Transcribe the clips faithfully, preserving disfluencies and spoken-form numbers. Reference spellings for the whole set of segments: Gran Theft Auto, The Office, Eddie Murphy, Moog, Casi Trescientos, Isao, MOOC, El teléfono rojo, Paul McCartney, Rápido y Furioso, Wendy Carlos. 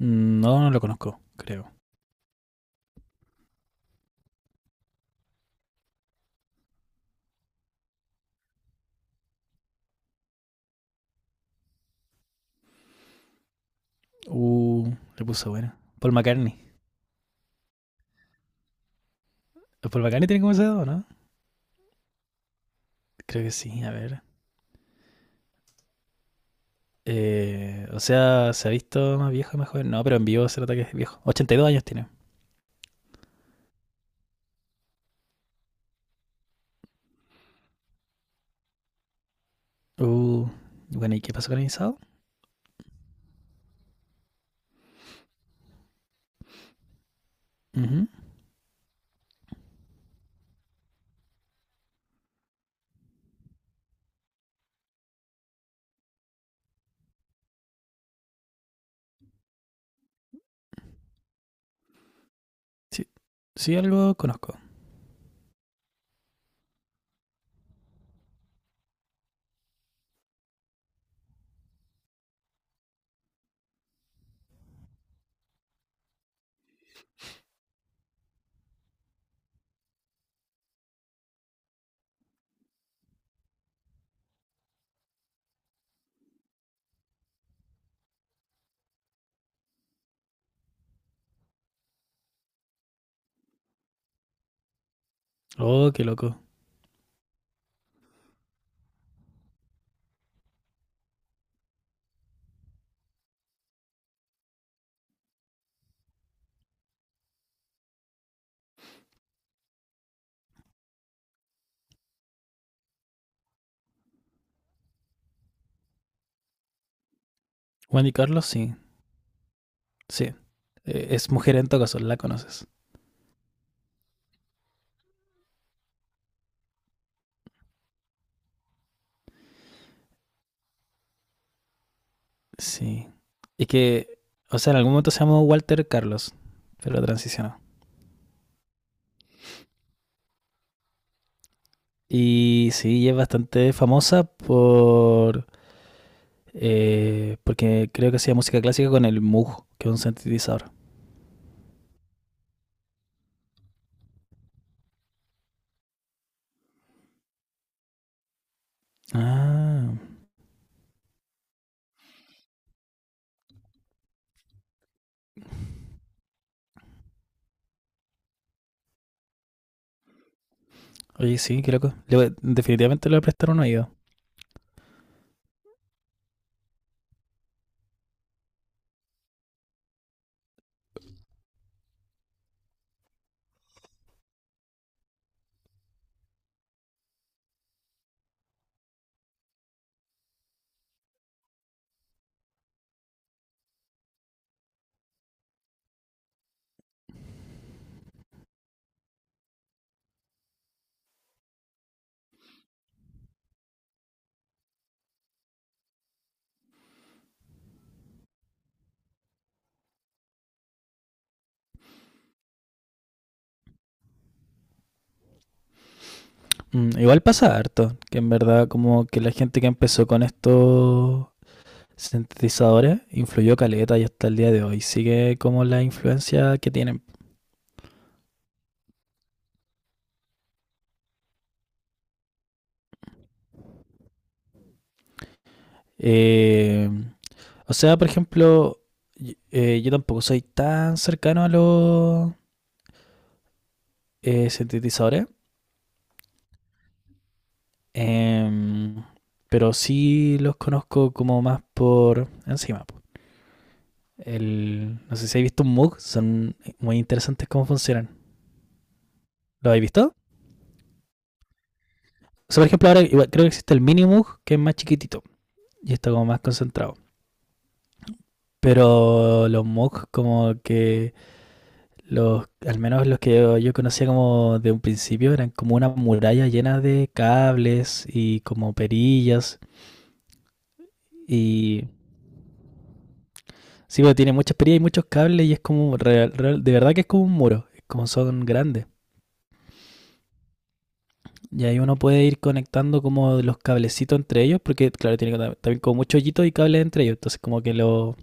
Mm, No, no lo conozco, creo. Uh, Le puso bueno. Paul McCartney. ¿Paul McCartney tiene como ese dedo, no? Creo que sí, a ver. Eh, o sea, ¿se ha visto más viejo, más joven? No, pero en vivo se nota que es viejo. Ochenta y dos años tiene. Uh, bueno, ¿y qué pasó con el Isao? Ujú. Sí, sí, algo conozco. Oh, qué loco. Wendy Carlos, sí, sí. Eh, es mujer en todo caso, la conoces. Sí. Es que, o sea, en algún momento se llamó Walter Carlos, pero transicionó. Y sí, y es bastante famosa por eh, porque creo que hacía música clásica con el Moog, que es un sintetizador. Ah, oye, sí, qué loco. Le voy- definitivamente le voy a prestar un oído. Mm, igual pasa harto, que en verdad como que la gente que empezó con estos sintetizadores influyó caleta y hasta el día de hoy sigue como la influencia que tienen. Eh, o sea, por ejemplo, y- eh, yo tampoco soy tan cercano a los eh, sintetizadores, Em, pero sí los conozco como más por encima. El, no sé si habéis visto un MOOC, son muy interesantes cómo funcionan. ¿Lo habéis visto? O sea, por ejemplo, ahora igual creo que existe el mini MOOC que es más chiquitito y está como más concentrado. Pero los MOOC como que los, al menos los que yo, yo conocía como de un principio, eran como una muralla llena de cables y como perillas y sí, pero tiene mucha perilla y muchos cables y es como, real- real- de verdad que es como un muro, es como son grandes. Y ahí uno puede ir conectando como los cablecitos entre ellos, porque claro, tiene como- también como muchos hoyitos y cables entre ellos, entonces como que lo,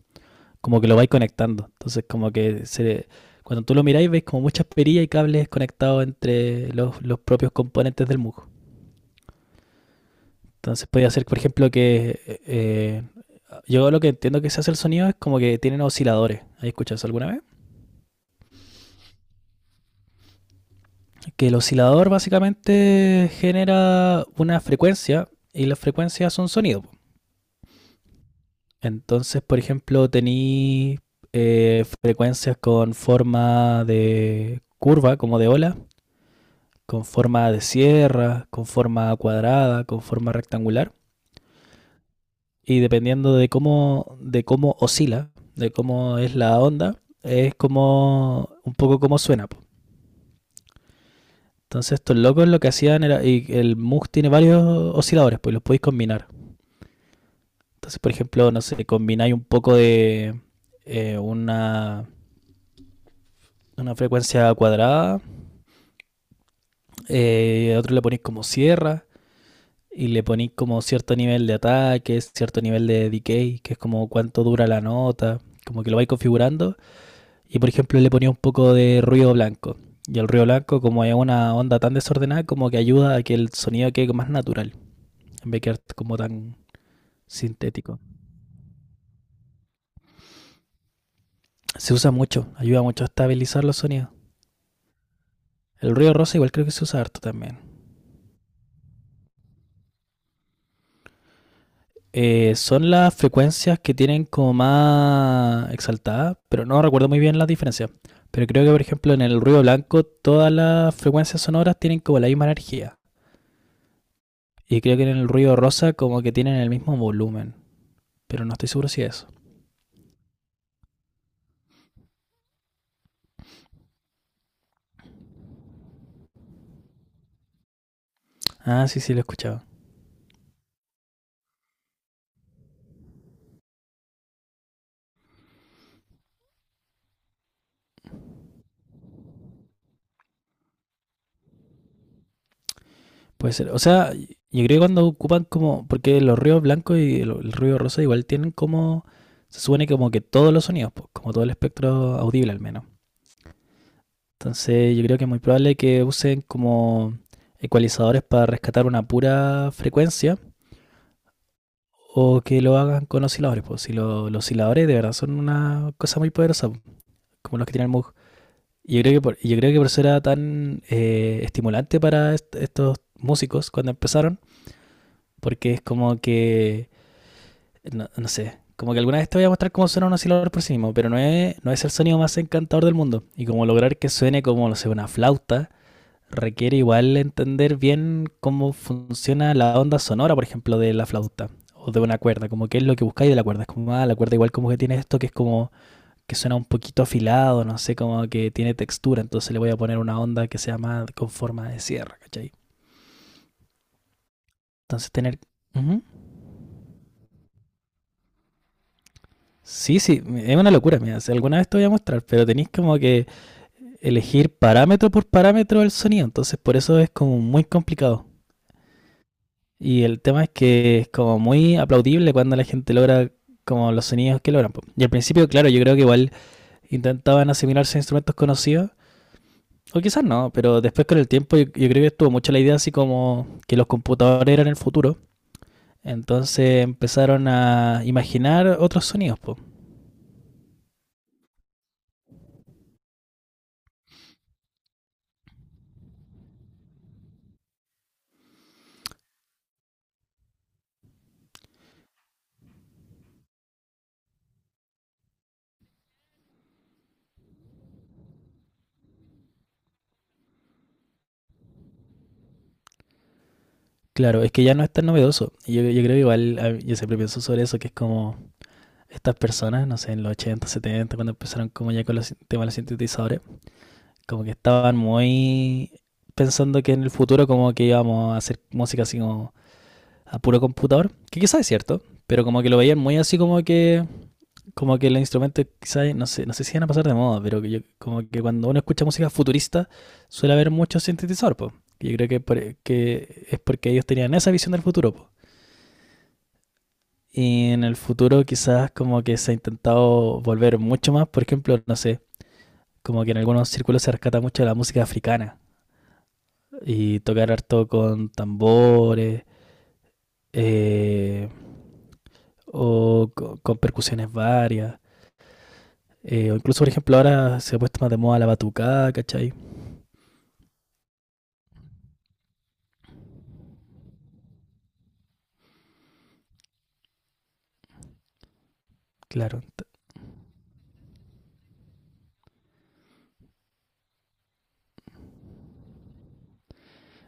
como que lo vais conectando. Entonces como que se, cuando tú lo miráis veis como muchas perillas y cables conectados entre los, los propios componentes del musgo. Entonces podía hacer, por ejemplo, que eh, eh, yo lo que entiendo que se hace el sonido es como que tienen osciladores. ¿Has escuchado eso alguna vez? Que el oscilador básicamente genera una frecuencia y las frecuencias son sonido. Entonces, por ejemplo, tení eh, frecuencias con forma de curva, como de ola, con forma de sierra, con forma cuadrada, con forma rectangular. Y dependiendo de cómo, de cómo oscila, de cómo es la onda, es como un poco como suena, po. Entonces estos locos lo que hacían era, y el MUG tiene varios osciladores, pues los podéis combinar. Entonces, por ejemplo, no sé, combináis un poco de eh, una, una frecuencia cuadrada, eh, a otro le ponéis como sierra y le ponéis como cierto nivel de ataque, cierto nivel de decay, que es como cuánto dura la nota, como que lo vais configurando. Y por ejemplo, le ponía un poco de ruido blanco. Y el ruido blanco, como es una onda tan desordenada, como que ayuda a que el sonido quede más natural, en vez de quedar como tan sintético. Se usa mucho, ayuda mucho a estabilizar los sonidos. El ruido rosa igual creo que se usa harto también. Eh, son las frecuencias que tienen como más exaltada, pero no recuerdo muy bien las diferencias. Pero creo que, por ejemplo, en el ruido blanco todas las frecuencias sonoras tienen como la misma energía. Y creo que en el ruido rosa como que tienen el mismo volumen. Pero no estoy seguro si es eso. Ah, sí, sí, lo he escuchado. Puede ser. O sea, yo creo que cuando ocupan como... Porque los ruidos blancos y el, el ruido rosa igual tienen como... Se supone como que todos los sonidos, pues, como todo el espectro audible al menos. Entonces yo creo que es muy probable que usen como ecualizadores para rescatar una pura frecuencia o que lo hagan con osciladores. Pues si lo- los osciladores de verdad son una cosa muy poderosa, pues, como los que tiene el Moog. Y Yo creo que por, yo creo que por eso era tan eh, estimulante para est- estos músicos cuando empezaron, porque es como que, no, no sé, como que alguna vez te voy a mostrar cómo suena un oscilador por sí mismo, pero no es, no es el sonido más encantador del mundo. Y como lograr que suene como, no sé, una flauta requiere igual entender bien cómo funciona la onda sonora, por ejemplo, de la flauta o de una cuerda, como qué es lo que buscáis de la cuerda. Es como, ah, la cuerda igual como que tiene esto que es como que suena un poquito afilado, no sé, como que tiene textura, entonces le voy a poner una onda que sea más con forma de sierra, ¿cachai? Entonces tener... Ujú. Sí, sí, es una locura, mira, si alguna vez te voy a mostrar, pero tenéis como que elegir parámetro por parámetro del sonido, entonces por eso es como muy complicado. Y el tema es que es como muy aplaudible cuando la gente logra como los sonidos que logran, po. Y al principio, claro, yo creo que igual intentaban asimilarse a instrumentos conocidos, o quizás no, pero después con el tiempo yo, yo creo que estuvo mucho la idea así como que los computadores eran el futuro. Entonces empezaron a imaginar otros sonidos, po. Claro, es que ya no es tan novedoso. Y Yo, yo creo que igual, yo siempre pienso sobre eso, que es como estas personas, no sé, en los ochenta setenta cuando empezaron como ya con los temas de los sintetizadores como que estaban muy pensando que en el futuro como que íbamos a hacer música así como a puro computador, que quizás es cierto, pero como que lo veían muy así como que como que los instrumentos quizás no sé, no sé si van a pasar de moda, pero que yo, como que cuando uno escucha música futurista suele haber mucho sintetizador, po. Yo creo que, por- que es porque ellos tenían esa visión del futuro, po. Y en el futuro quizás como que se ha intentado volver mucho más, por ejemplo, no sé, como que en algunos círculos se rescata mucho la música africana y tocar harto con tambores eh, o co- con percusiones varias. Eh, o incluso, por ejemplo, ahora se ha puesto más de moda la batucada, ¿cachai? Claro.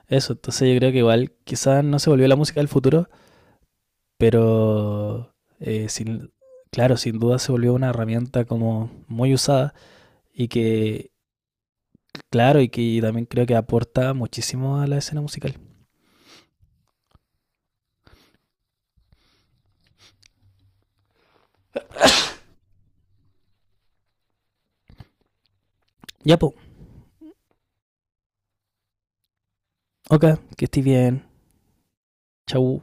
Eso, entonces yo creo que igual quizás no se volvió la música del futuro, pero eh, sin, claro, sin duda se volvió una herramienta como muy usada y que, claro, y que también creo que aporta muchísimo a la escena musical. Ya, po. Ok, que estés bien. Chau.